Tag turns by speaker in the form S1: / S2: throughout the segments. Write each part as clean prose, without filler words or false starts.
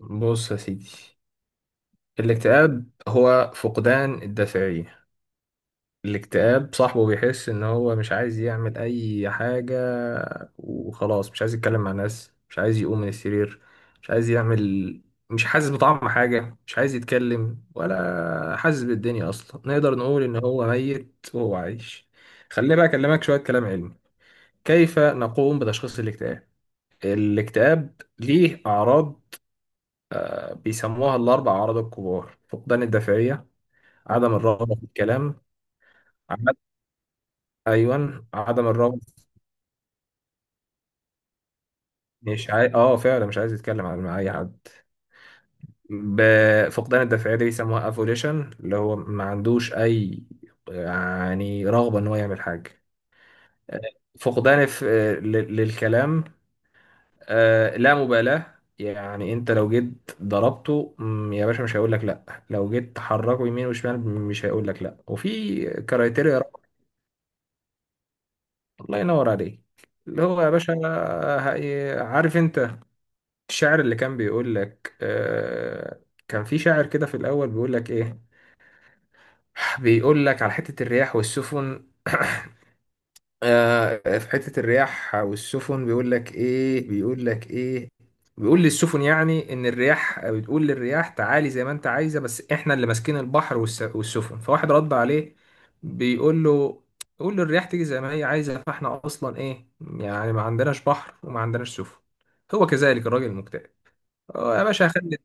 S1: بص يا سيدي، الاكتئاب هو فقدان الدافعية. الاكتئاب صاحبه بيحس ان هو مش عايز يعمل اي حاجة، وخلاص مش عايز يتكلم مع ناس، مش عايز يقوم من السرير، مش عايز يعمل، مش حاسس بطعم حاجة، مش عايز يتكلم ولا حاسس بالدنيا اصلا. نقدر نقول ان هو ميت وهو عايش. خليني بقى اكلمك شوية كلام علمي. كيف نقوم بتشخيص الاكتئاب؟ الاكتئاب ليه اعراض، بيسموها الاربع اعراض الكبار: فقدان الدافعية، عدم الرغبة في الكلام. عد... أيوة، عدم الرغبة. مش عايز، فعلا مش عايز يتكلم مع أي حد. فقدان الدافعية دي بيسموها افوليشن، اللي هو ما عندوش أي يعني رغبة إن هو يعمل حاجة. فقدان للكلام. لا مبالاة. يعني انت لو جيت ضربته، يا باشا، مش هيقول لك لا. لو جيت تحركه يمين وشمال مش هيقول لك لا. وفي كرايتيريا. الله ينور عليك. اللي هو يا باشا، عارف انت الشعر اللي كان بيقول لك. كان في شاعر كده في الأول، بيقول لك إيه؟ بيقول لك على حتة الرياح والسفن. في حتة الرياح والسفن، بيقول لك إيه؟ بيقول للسفن، يعني إن الرياح بتقول للرياح تعالي زي ما أنت عايزة، بس إحنا اللي ماسكين البحر والسفن. فواحد رد عليه، بيقول له: قول للرياح تيجي زي ما هي عايزة، فإحنا أصلا إيه يعني؟ ما عندناش بحر وما عندناش سفن. هو كذلك الراجل المكتئب. يا باشا هخلي.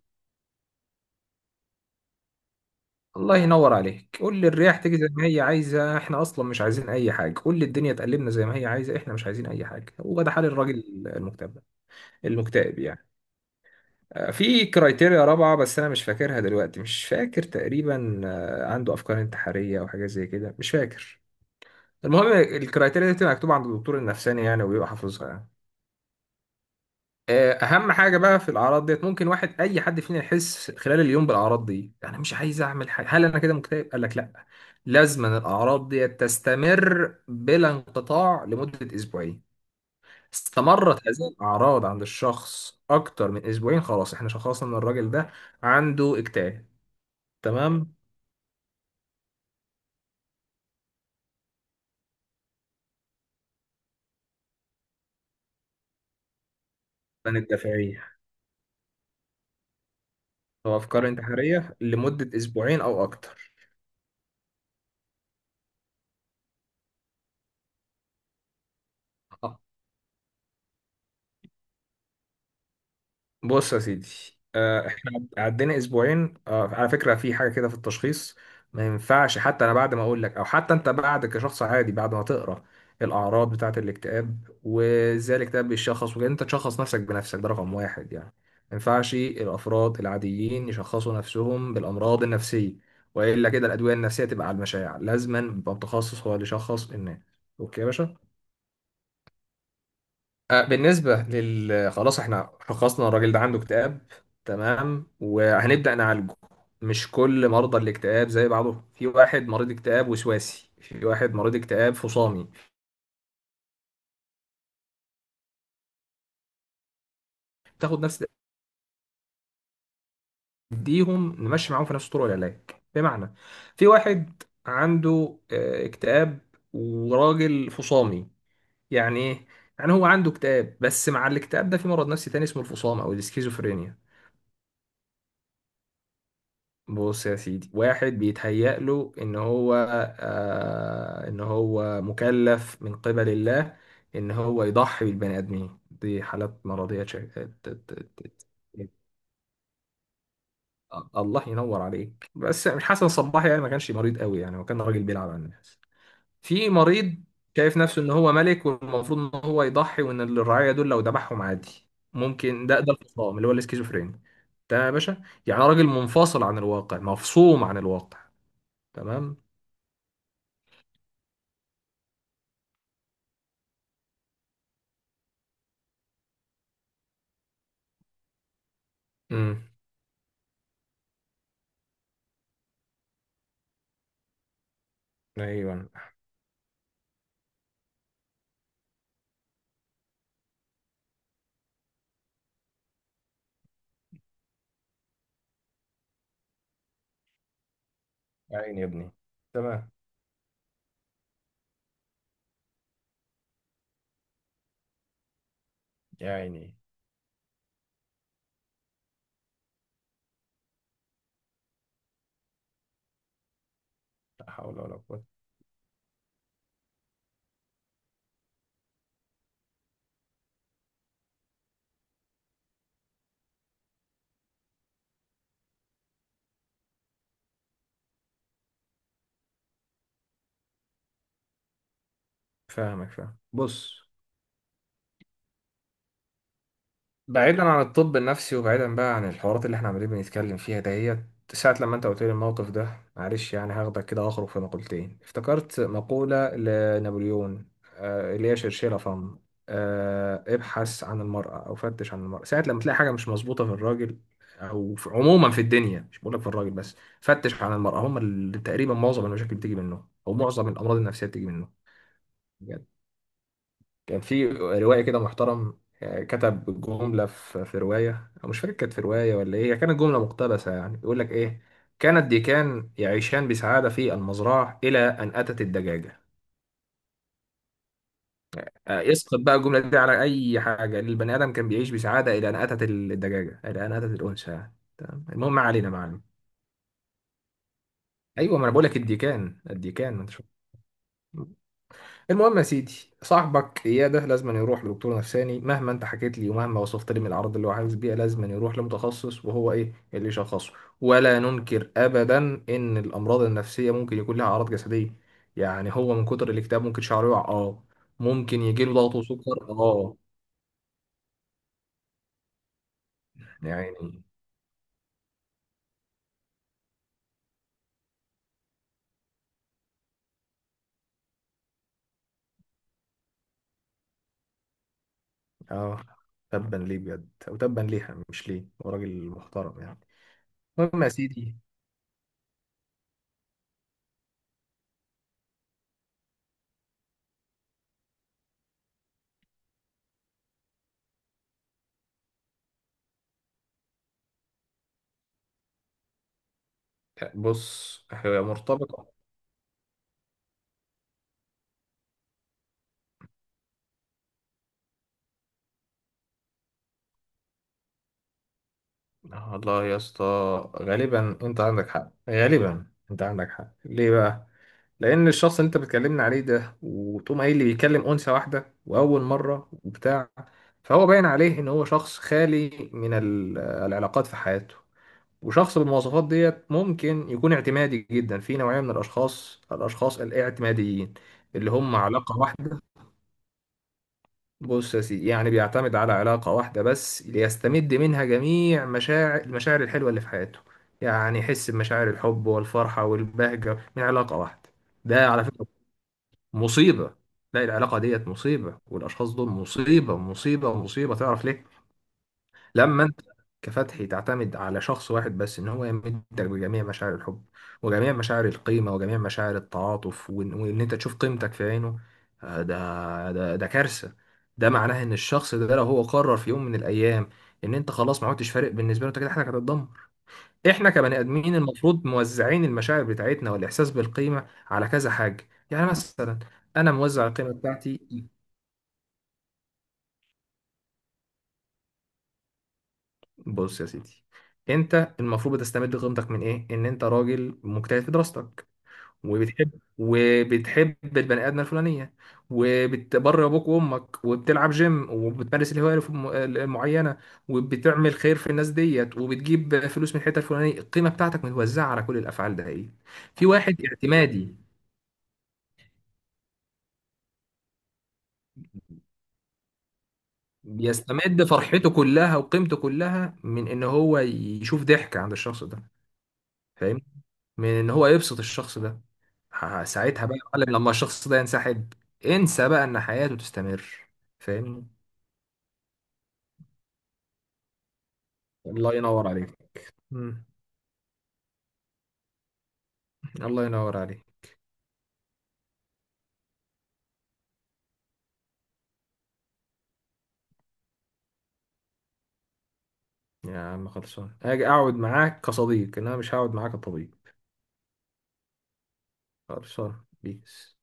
S1: الله ينور عليك. قول لي الرياح تيجي زي ما هي عايزه، احنا اصلا مش عايزين اي حاجه. قول لي الدنيا تقلبنا زي ما هي عايزه، احنا مش عايزين اي حاجه. وده حال الراجل المكتئب ده- المكتئب يعني. في كرايتيريا رابعه بس انا مش فاكرها دلوقتي، مش فاكر تقريبا. عنده افكار انتحاريه او حاجه زي كده، مش فاكر. المهم الكرايتيريا دي بتبقى مكتوبه عند الدكتور النفساني يعني، وبيبقى حافظها يعني. اهم حاجه بقى في الاعراض ديت، ممكن اي حد فينا يحس خلال اليوم بالاعراض دي: انا مش عايز اعمل حاجه، هل انا كده مكتئب؟ قال لك لا. لازم أن الاعراض ديت تستمر بلا انقطاع لمده اسبوعين. استمرت هذه الاعراض عند الشخص اكتر من اسبوعين، خلاص احنا شخصنا ان الراجل ده عنده اكتئاب. تمام. من الدافعيه او افكار انتحاريه لمده اسبوعين او اكتر. بص يا سيدي، احنا عدينا اسبوعين. على فكره في حاجه كده في التشخيص: ما ينفعش حتى انا بعد ما اقول لك، او حتى انت بعد كشخص عادي بعد ما تقرا الاعراض بتاعه الاكتئاب وازاي الاكتئاب بيتشخص وكده، انت تشخص نفسك بنفسك. ده رقم واحد يعني. ما ينفعش الافراد العاديين يشخصوا نفسهم بالامراض النفسيه، والا كده الادويه النفسيه تبقى على المشاع. لازما يبقى متخصص هو اللي يشخص الناس. اوكي يا باشا. بالنسبة لل خلاص احنا شخصنا الراجل ده عنده اكتئاب تمام، وهنبدأ نعالجه. مش كل مرضى الاكتئاب زي بعضهم. في واحد مريض اكتئاب وسواسي، في واحد مريض اكتئاب فصامي. تاخد نفس تديهم نمشي معاهم في نفس طرق العلاج. بمعنى، في واحد عنده اكتئاب وراجل فصامي. يعني ايه؟ يعني هو عنده اكتئاب، بس مع الاكتئاب ده في مرض نفسي تاني اسمه الفصام او الاسكيزوفرينيا. بص يا سيدي، واحد بيتهيأ له ان هو ان هو مكلف من قبل الله ان هو يضحي بالبني ادمين. دي حالات مرضية. ت- ت- الله ينور عليك، بس مش حسن صباحي يعني، ما كانش مريض قوي يعني، هو كان راجل بيلعب على الناس. في مريض شايف نفسه ان هو ملك، والمفروض ان هو يضحي، وان الرعاية دول لو ذبحهم عادي. ممكن. ده الفصام، اللي هو الاسكيزوفرينيا ده يا باشا. يعني راجل منفصل عن الواقع، مفصوم عن الواقع. تمام. امم. ايوه. يا عيني يا ابني. تمام. يا عيني. لا حول ولا قوة. فاهمك فاهم. بص، بعيدا عن الطب النفسي وبعيدا بقى عن الحوارات اللي احنا عمالين بنتكلم فيها دهيت ساعة، لما انت قلت لي الموقف ده، معلش يعني هاخدك كده اخرج في مقولتين. افتكرت مقولة لنابليون، اللي هي شرشيلة فم. ابحث عن المرأة او فتش عن المرأة. ساعة لما تلاقي حاجة مش مظبوطة في الراجل، او في عموما في الدنيا، مش بقولك في الراجل بس، فتش عن المرأة. هم اللي تقريبا معظم المشاكل بتيجي منهم، او معظم الامراض النفسية بتيجي منهم. كان في روائي كده محترم، كتب جملة في رواية، أو مش فاكر كانت في رواية ولا إيه، هي كانت جملة مقتبسة يعني. يقول لك إيه؟ كان الديكان يعيشان بسعادة في المزرعة إلى أن أتت الدجاجة. اسقط بقى الجملة دي على أي حاجة. البني آدم كان بيعيش بسعادة إلى أن أتت الدجاجة، إلى أن أتت الأنثى يعني. تمام. المهم ما علينا معلم. أيوه ما أنا بقول لك الديكان الديكان ما أنت شفت. المهم يا سيدي، صاحبك اياد ده لازم يروح لدكتور نفساني. مهما انت حكيت لي ومهما وصفت لي من الاعراض اللي هو حاسس بيها، لازم يروح لمتخصص وهو ايه اللي يشخصه. ولا ننكر ابدا ان الامراض النفسيه ممكن يكون لها اعراض جسديه. يعني هو من كتر الاكتئاب ممكن شعره يقع، اه. ممكن يجي له ضغط وسكر، اه. يعني اه. تبا ليه بجد او تبا ليها، مش ليه، هو راجل محترم يعني. المهم يا سيدي، بص هي مرتبطه. والله يا اسطى، غالبا انت عندك حق. غالبا انت عندك حق. ليه بقى؟ لان الشخص اللي انت بتكلمني عليه ده، وتقوم قايل لي بيتكلم انثى واحده واول مره وبتاع، فهو باين عليه ان هو شخص خالي من العلاقات في حياته، وشخص بالمواصفات ديت ممكن يكون اعتمادي جدا. في نوعيه من الاشخاص الاعتماديين، اللي هم علاقه واحده. بص يا سيدي، يعني بيعتمد على علاقة واحدة بس ليستمد منها جميع المشاعر الحلوة اللي في حياته، يعني يحس بمشاعر الحب والفرحة والبهجة من علاقة واحدة. ده على فكرة مصيبة. لا، العلاقة ديت مصيبة، والأشخاص دول مصيبة مصيبة مصيبة. تعرف ليه؟ لما انت كفتحي تعتمد على شخص واحد بس ان هو يمدك بجميع مشاعر الحب، وجميع مشاعر القيمة، وجميع مشاعر التعاطف، وإن انت تشوف قيمتك في عينه، ده كارثة. ده معناه ان الشخص ده لو هو قرر في يوم من الايام ان انت خلاص ما عدتش فارق بالنسبة له، انت كده حياتك هتتدمر. احنا كبني ادمين المفروض موزعين المشاعر بتاعتنا والاحساس بالقيمة على كذا حاجة. يعني مثلا انا موزع القيمة بتاعتي. بص يا سيدي، انت المفروض بتستمد قيمتك من ايه؟ ان انت راجل مجتهد في دراستك، وبتحب البني ادمه الفلانيه، وبتبر ابوك وامك، وبتلعب جيم، وبتمارس الهوايه المعينه، وبتعمل خير في الناس ديت، وبتجيب فلوس من الحته الفلانيه. القيمه بتاعتك متوزعه على كل الافعال ده ايه. في واحد اعتمادي بيستمد فرحته كلها وقيمته كلها من ان هو يشوف ضحك عند الشخص ده، فاهم، من ان هو يبسط الشخص ده. ساعتها بقى يا معلم، لما الشخص ده ينسحب، انسى بقى ان حياته تستمر. فاهمني. الله ينور عليك. مم. الله ينور عليك. يا عم خلصان، اجي اقعد معاك كصديق، انما مش هقعد معاك كطبيب. خلصان بيس.